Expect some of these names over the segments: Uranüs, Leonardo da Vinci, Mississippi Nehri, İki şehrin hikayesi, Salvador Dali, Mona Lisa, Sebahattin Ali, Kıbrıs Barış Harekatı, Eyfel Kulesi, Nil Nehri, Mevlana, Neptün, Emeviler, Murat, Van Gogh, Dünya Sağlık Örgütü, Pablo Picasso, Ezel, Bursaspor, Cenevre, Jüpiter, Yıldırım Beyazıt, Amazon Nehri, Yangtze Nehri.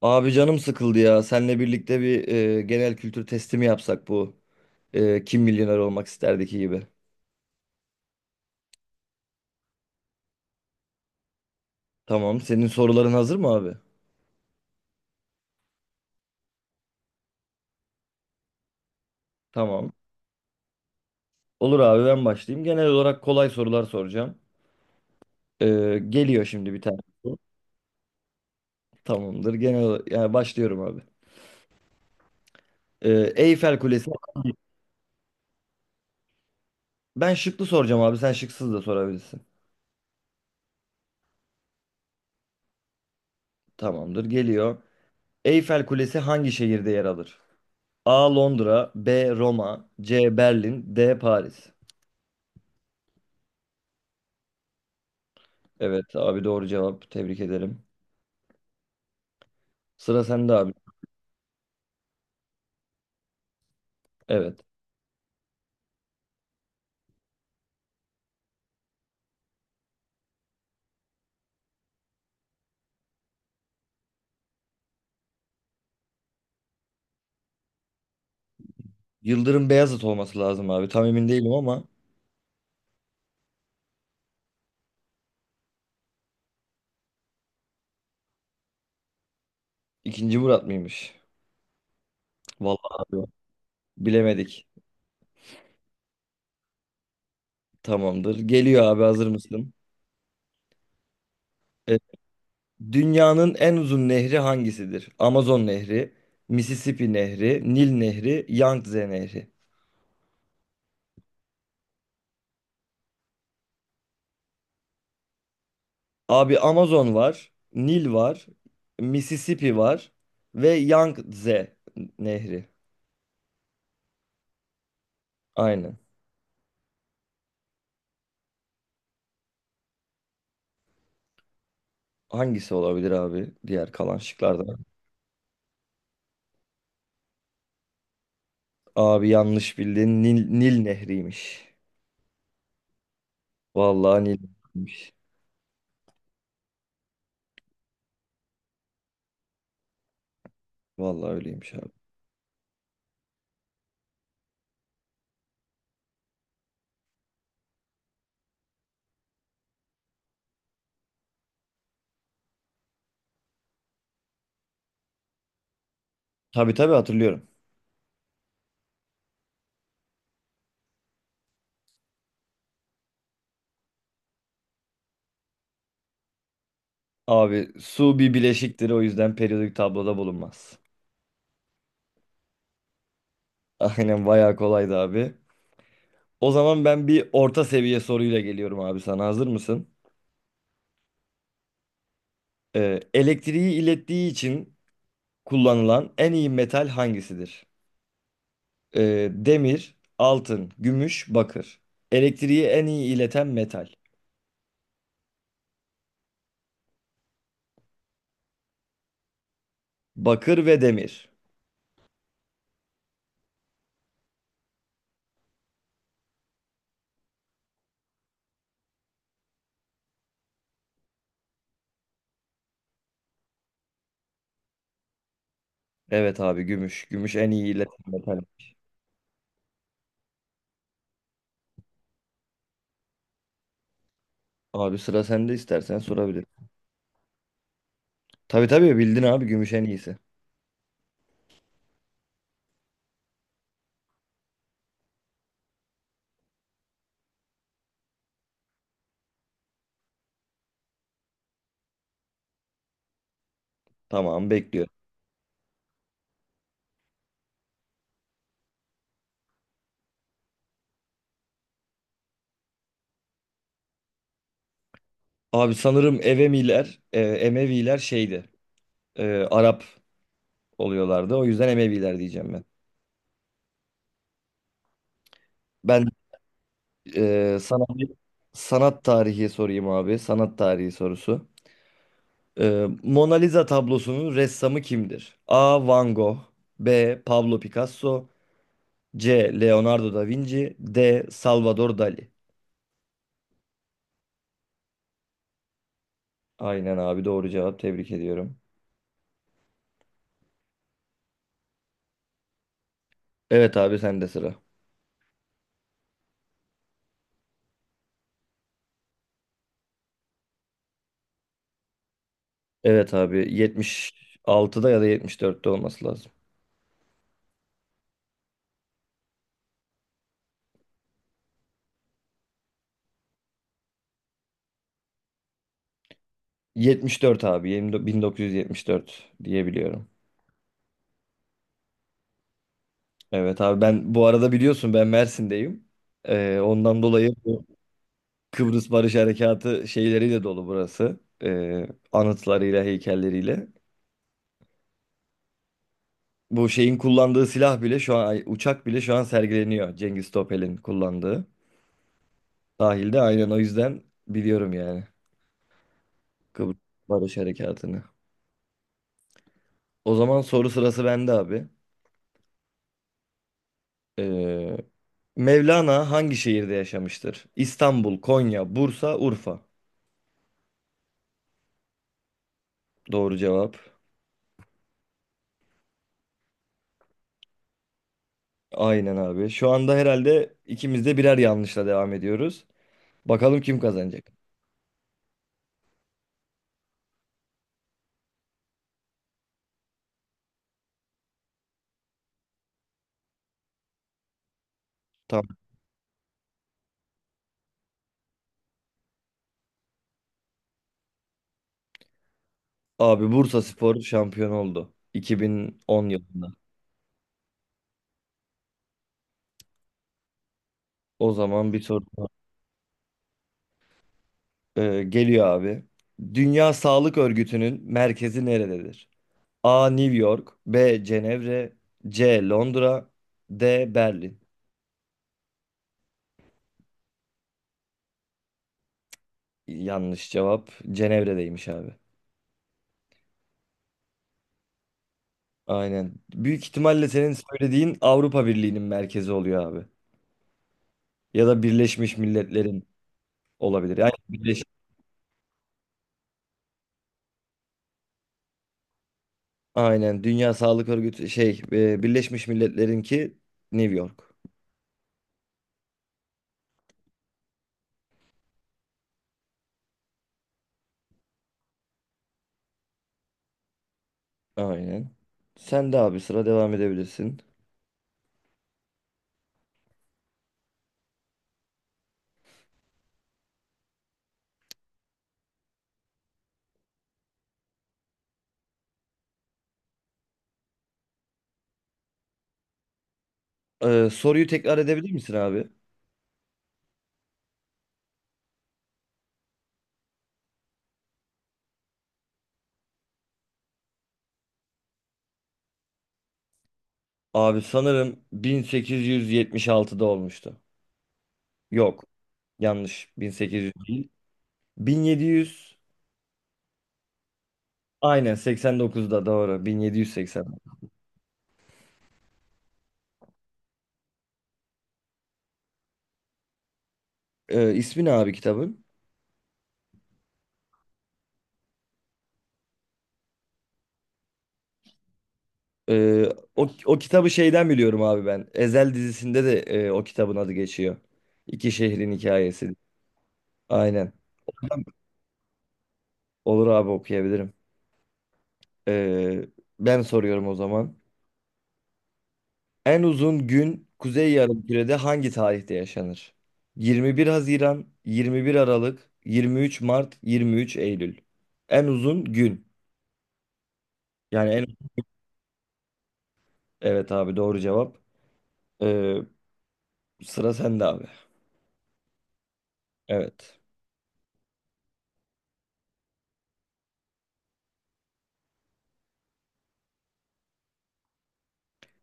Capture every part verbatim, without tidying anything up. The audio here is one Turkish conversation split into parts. Abi canım sıkıldı ya. Seninle birlikte bir e, genel kültür testi mi yapsak bu e, Kim Milyoner Olmak isterdeki gibi. Tamam. Senin soruların hazır mı abi? Tamam. Olur abi ben başlayayım. Genel olarak kolay sorular soracağım. E, geliyor şimdi bir tane. Soru. Tamamdır. Genel ola- yani başlıyorum abi. E, Eyfel Kulesi. Ben şıklı soracağım abi. Sen şıksız da sorabilirsin. Tamamdır. Geliyor. Eyfel Kulesi hangi şehirde yer alır? A. Londra, B. Roma, C. Berlin, D. Paris. Evet abi doğru cevap. Tebrik ederim. Sıra sende abi. Evet. Yıldırım Beyazıt olması lazım abi. Tam emin değilim ama ikinci Murat mıymış? Vallahi abi bilemedik. Tamamdır. Geliyor abi hazır mısın? Evet. Dünyanın en uzun nehri hangisidir? Amazon Nehri, Mississippi Nehri, Nil Nehri, Yangtze Nehri. Abi Amazon var, Nil var, Mississippi var ve Yangtze Nehri. Aynen. Hangisi olabilir abi diğer kalan şıklardan? Abi yanlış bildin. Nil, Nil Nehri'ymiş. Vallahi Nil Nehri'ymiş. Vallahi öyleymiş abi. Tabii tabii hatırlıyorum. Abi su bir bileşiktir, o yüzden periyodik tabloda bulunmaz. Aynen bayağı kolaydı abi. O zaman ben bir orta seviye soruyla geliyorum abi sana. Hazır mısın? Ee, elektriği ilettiği için kullanılan en iyi metal hangisidir? Ee, demir, altın, gümüş, bakır. Elektriği en iyi ileten metal. Bakır ve demir. Evet abi gümüş. Gümüş en iyi iletişim metal. Abi sıra sende istersen sorabilir. Tabii tabii bildin abi, gümüş en iyisi. Tamam bekliyor. Abi sanırım Evemiler, e, Emeviler şeydi. e, Arap oluyorlardı. O yüzden Emeviler diyeceğim ben. Ben e, sana bir sanat tarihi sorayım abi. Sanat tarihi sorusu. E, Mona Lisa tablosunun ressamı kimdir? A. Van Gogh, B. Pablo Picasso, C. Leonardo da Vinci, D. Salvador Dali. Aynen abi doğru cevap, tebrik ediyorum. Evet abi sende sıra. Evet abi yetmiş altıda ya da yetmiş dörtte olması lazım. yetmiş dört abi yirmi bin dokuz yüz yetmiş dört diyebiliyorum. Evet abi, ben bu arada biliyorsun, ben Mersin'deyim. Ee, ondan dolayı bu Kıbrıs Barış Harekatı şeyleriyle dolu burası. Ee, anıtlarıyla, heykelleriyle. Bu şeyin kullandığı silah bile şu an ay, uçak bile şu an sergileniyor. Cengiz Topel'in kullandığı. Sahilde aynen, o yüzden biliyorum yani. Kıbrıs Barış Harekatı'nı. O zaman soru sırası bende abi. Ee, Mevlana hangi şehirde yaşamıştır? İstanbul, Konya, Bursa, Urfa. Doğru cevap. Aynen abi. Şu anda herhalde ikimiz de birer yanlışla devam ediyoruz. Bakalım kim kazanacak. Tamam. Abi Bursaspor şampiyon oldu iki bin on yılında. O zaman bir soru daha. Ee, geliyor abi. Dünya Sağlık Örgütü'nün merkezi nerededir? A. New York, B. Cenevre, C. Londra, D. Berlin. Yanlış cevap, Cenevre'deymiş abi. Aynen. Büyük ihtimalle senin söylediğin Avrupa Birliği'nin merkezi oluyor abi. Ya da Birleşmiş Milletler'in olabilir. Yani Birleş, aynen. Dünya Sağlık Örgütü şey e, Birleşmiş Milletler'inki New York. Aynen. Sen de abi sıra devam edebilirsin. Ee, soruyu tekrar edebilir misin abi? Abi sanırım bin sekiz yüz yetmiş altıda olmuştu. Yok. Yanlış. Bin sekiz yüz değil. Bin yedi yüz. Aynen seksen dokuzda doğru. bin yedi yüz seksen. Ee, ismi ne abi kitabın? Ee, o, o kitabı şeyden biliyorum abi ben. Ezel dizisinde de e, o kitabın adı geçiyor. İki şehrin hikayesi. Aynen. Olur abi, okuyabilirim. Ee, ben soruyorum o zaman. En uzun gün Kuzey Yarımküre'de hangi tarihte yaşanır? Yirmi bir Haziran, yirmi bir Aralık, yirmi üç Mart, yirmi üç Eylül. En uzun gün. Yani en, evet abi doğru cevap. Ee, sıra sende abi. Evet.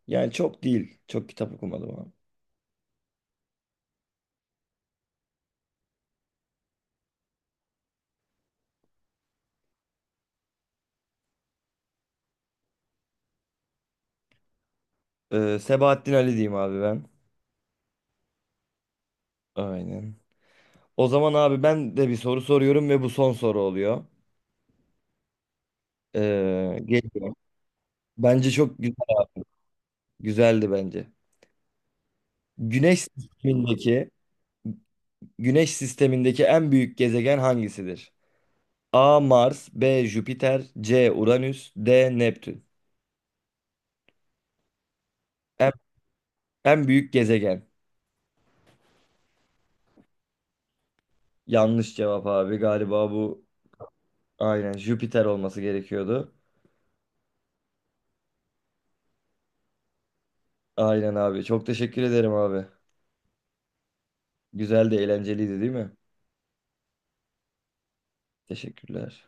Yani çok değil. Çok kitap okumadım abi. Ee, Sebahattin Ali diyeyim abi ben. Aynen. O zaman abi ben de bir soru soruyorum ve bu son soru oluyor. Ee, geliyor. Bence çok güzel, güzeldi bence. Güneş sistemindeki Güneş sistemindeki en büyük gezegen hangisidir? A. Mars, B. Jüpiter, C. Uranüs, D. Neptün. En, en büyük gezegen. Yanlış cevap abi galiba bu, aynen Jüpiter olması gerekiyordu. Aynen abi. Çok teşekkür ederim abi. Güzel de eğlenceliydi değil mi? Teşekkürler.